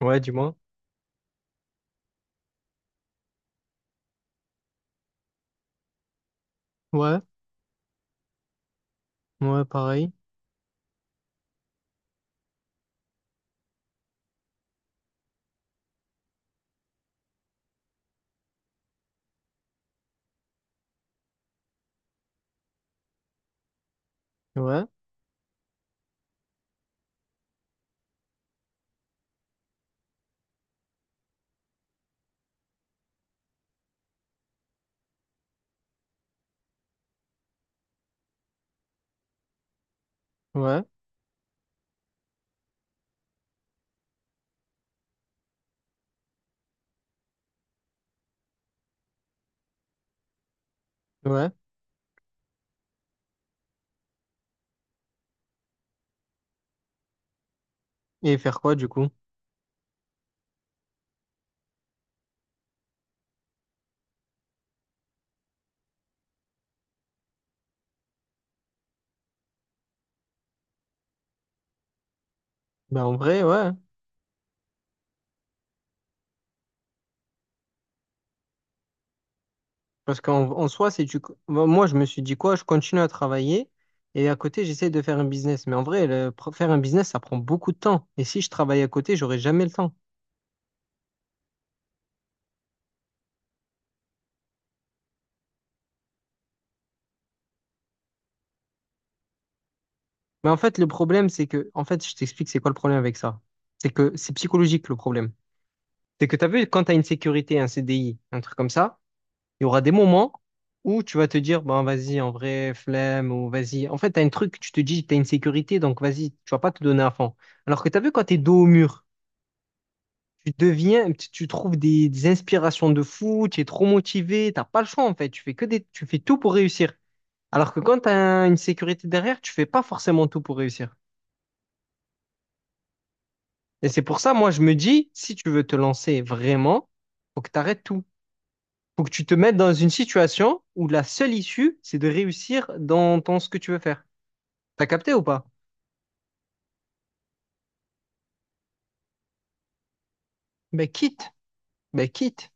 Ouais, dis-moi. Ouais, ouais, pareil. Ouais, ouais, ouais. Et faire quoi du coup? Ben en vrai, ouais. Parce qu'en soi, c'est tu. Ben, moi, je me suis dit quoi? Je continue à travailler et à côté, j'essaie de faire un business. Mais en vrai, faire un business, ça prend beaucoup de temps. Et si je travaille à côté, j'aurai jamais le temps. Mais en fait, le problème, c'est que. En fait, je t'explique c'est quoi le problème avec ça. C'est que c'est psychologique le problème. C'est que tu as vu quand tu as une sécurité, un CDI, un truc comme ça. Il y aura des moments où tu vas te dire, bon, vas-y, en vrai, flemme, ou vas-y. En fait, t'as un truc, tu te dis, t'as une sécurité, donc vas-y, tu vas pas te donner à fond. Alors que t'as vu, quand t'es dos au mur, tu deviens, tu trouves des inspirations de fou, tu es trop motivé, t'as pas le choix, en fait. Tu fais tout pour réussir. Alors que quand t'as une sécurité derrière, tu fais pas forcément tout pour réussir. Et c'est pour ça, moi, je me dis, si tu veux te lancer vraiment, faut que t'arrêtes tout. Faut que tu te mettes dans une situation où la seule issue, c'est de réussir dans ce que tu veux faire. T'as capté ou pas? Ben quitte, ben quitte.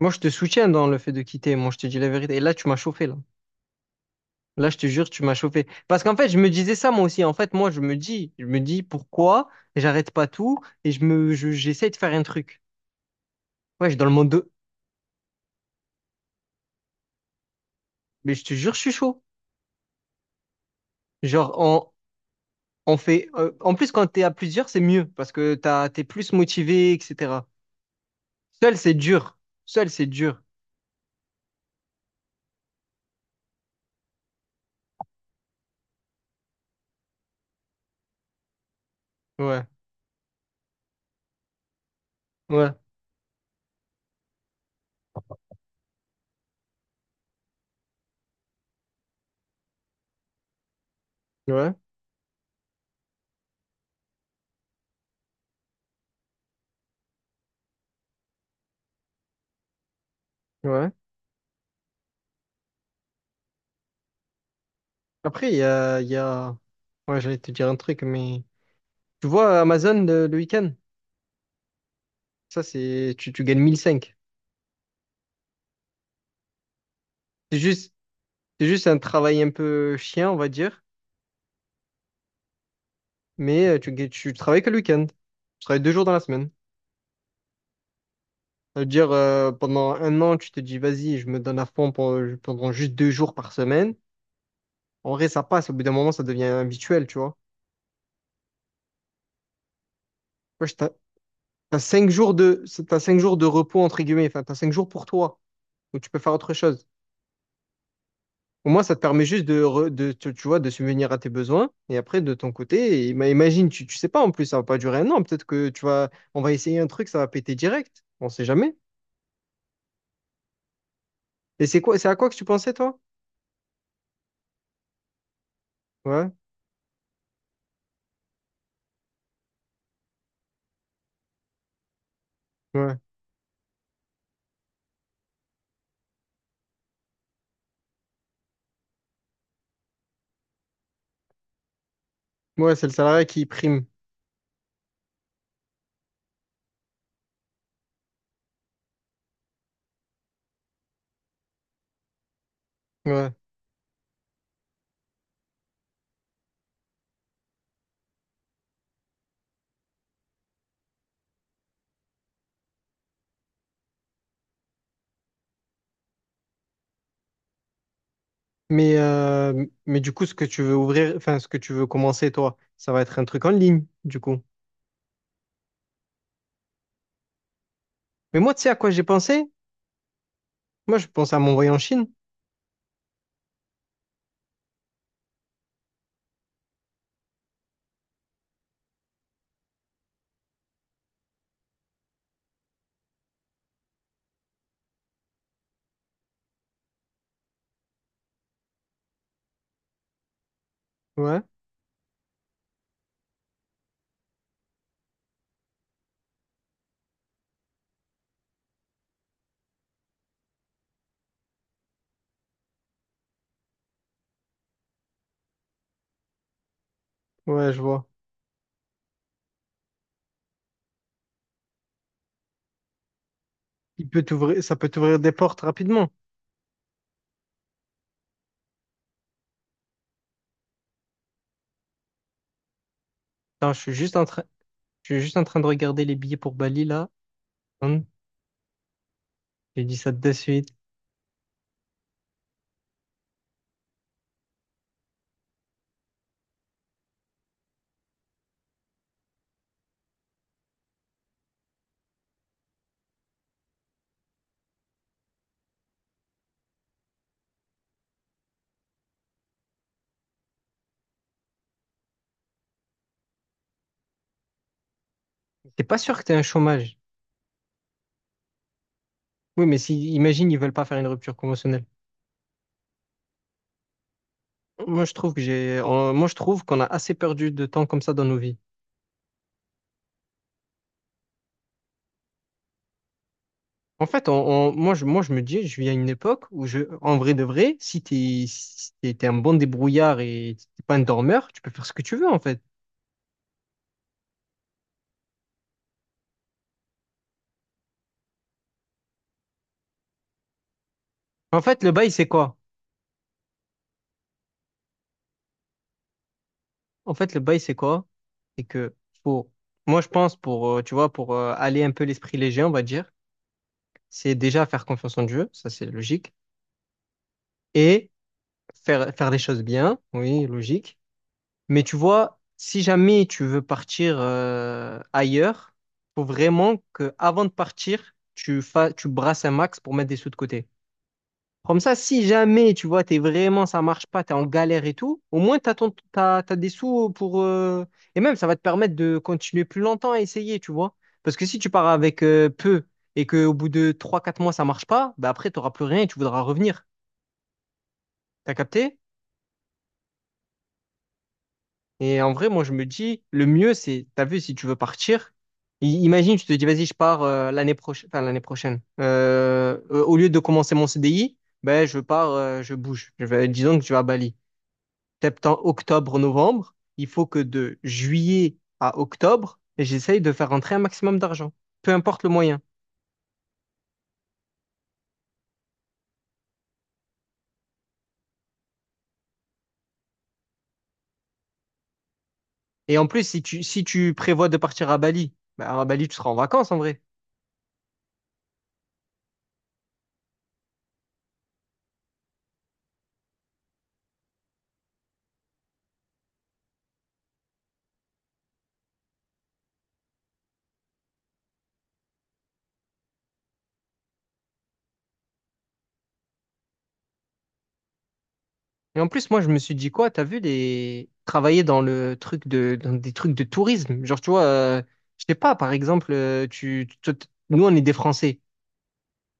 Moi, je te soutiens dans le fait de quitter. Moi, je te dis la vérité. Et là, tu m'as chauffé, là. Là, je te jure, tu m'as chauffé. Parce qu'en fait, je me disais ça moi aussi. En fait, moi, je me dis pourquoi j'arrête pas tout et j'essaie de faire un truc. Ouais, je suis dans le monde deux. Mais je te jure, je suis chaud. Genre, on fait. En plus, quand t'es à plusieurs, c'est mieux parce que t'es plus motivé, etc. Seul, c'est dur. Seul, c'est dur. Ouais, ouais, ouais, ouais. Après, il y a. Ouais, j'allais te dire un truc, mais. Tu vois, Amazon, le week-end, ça, c'est. Tu gagnes 1005. C'est juste, c'est juste un travail un peu chien, on va dire, mais tu travailles que le week-end. Tu travailles 2 jours dans la semaine. Ça veut dire, pendant un an, tu te dis, vas-y, je me donne à fond pendant juste 2 jours par semaine. En vrai, ça passe. Au bout d'un moment, ça devient habituel, tu vois. Ouais, t'as cinq jours de, t'as 5 jours de repos, entre guillemets. Enfin, t'as 5 jours pour toi, où tu peux faire autre chose. Au moins, ça te permet juste de, re- de tu, tu vois, de subvenir à tes besoins. Et après, de ton côté, imagine, tu sais pas en plus, ça va pas durer un an. Peut-être que on va essayer un truc, ça va péter direct. On sait jamais. Et c'est à quoi que tu pensais, toi? Ouais, ouais. Ouais, c'est le salariat qui prime. Ouais. Mais du coup, ce que tu veux ouvrir, enfin, ce que tu veux commencer, toi, ça va être un truc en ligne, du coup. Mais moi, tu sais à quoi j'ai pensé? Moi, je pense à m'envoyer en Chine. Ouais, ouais, je vois. Ça peut t'ouvrir des portes rapidement. Attends, je suis juste en train, je suis juste en train de regarder les billets pour Bali là. Hum. J'ai dit ça de suite. T'es pas sûr que t'es un chômage? Oui, mais si, imagine, ils veulent pas faire une rupture conventionnelle. Moi, je trouve qu'on a assez perdu de temps comme ça dans nos vies. En fait, moi, je me dis, je vis à une époque où, en vrai de vrai, si t'es un bon débrouillard et si t'es pas un dormeur, tu peux faire ce que tu veux, en fait. En fait, le bail, c'est quoi? En fait, le bail, c'est quoi? C'est que, faut, moi, je pense, tu vois, pour aller un peu l'esprit léger, on va dire, c'est déjà faire confiance en Dieu, ça, c'est logique. Et faire les choses bien, oui, logique. Mais tu vois, si jamais tu veux partir ailleurs, faut vraiment que avant de partir, tu brasses un max pour mettre des sous de côté. Comme ça, si jamais tu vois, t'es vraiment, ça marche pas, t'es en galère et tout, au moins t'as des sous pour et même ça va te permettre de continuer plus longtemps à essayer, tu vois. Parce que si tu pars avec peu et que au bout de trois quatre mois ça marche pas, bah après t'auras plus rien et tu voudras revenir. T'as capté? Et en vrai, moi, je me dis, le mieux, c'est, t'as vu, si tu veux partir, imagine, tu te dis, vas-y, je pars l'année prochaine, enfin, l'année prochaine. Au lieu de commencer mon CDI, ben, je pars, je bouge. Disons que tu vas à Bali. Septembre, octobre, novembre, il faut que de juillet à octobre, j'essaye de faire rentrer un maximum d'argent, peu importe le moyen. Et en plus, si tu, prévois de partir à Bali, ben, à Bali, tu seras en vacances, en vrai. Et en plus, moi, je me suis dit quoi, t'as vu Travailler dans dans des trucs de tourisme. Genre, tu vois, je sais pas, par exemple, nous, on est des Français.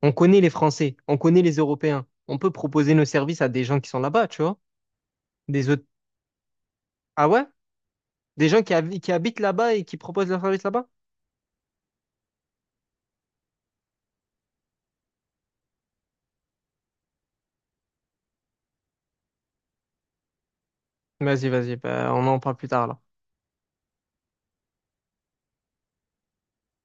On connaît les Français. On connaît les Européens. On peut proposer nos services à des gens qui sont là-bas, tu vois. Des autres. Ah ouais? Des gens qui habitent là-bas et qui proposent leurs services là-bas? Vas-y, vas-y, bah, on en parle plus tard, là.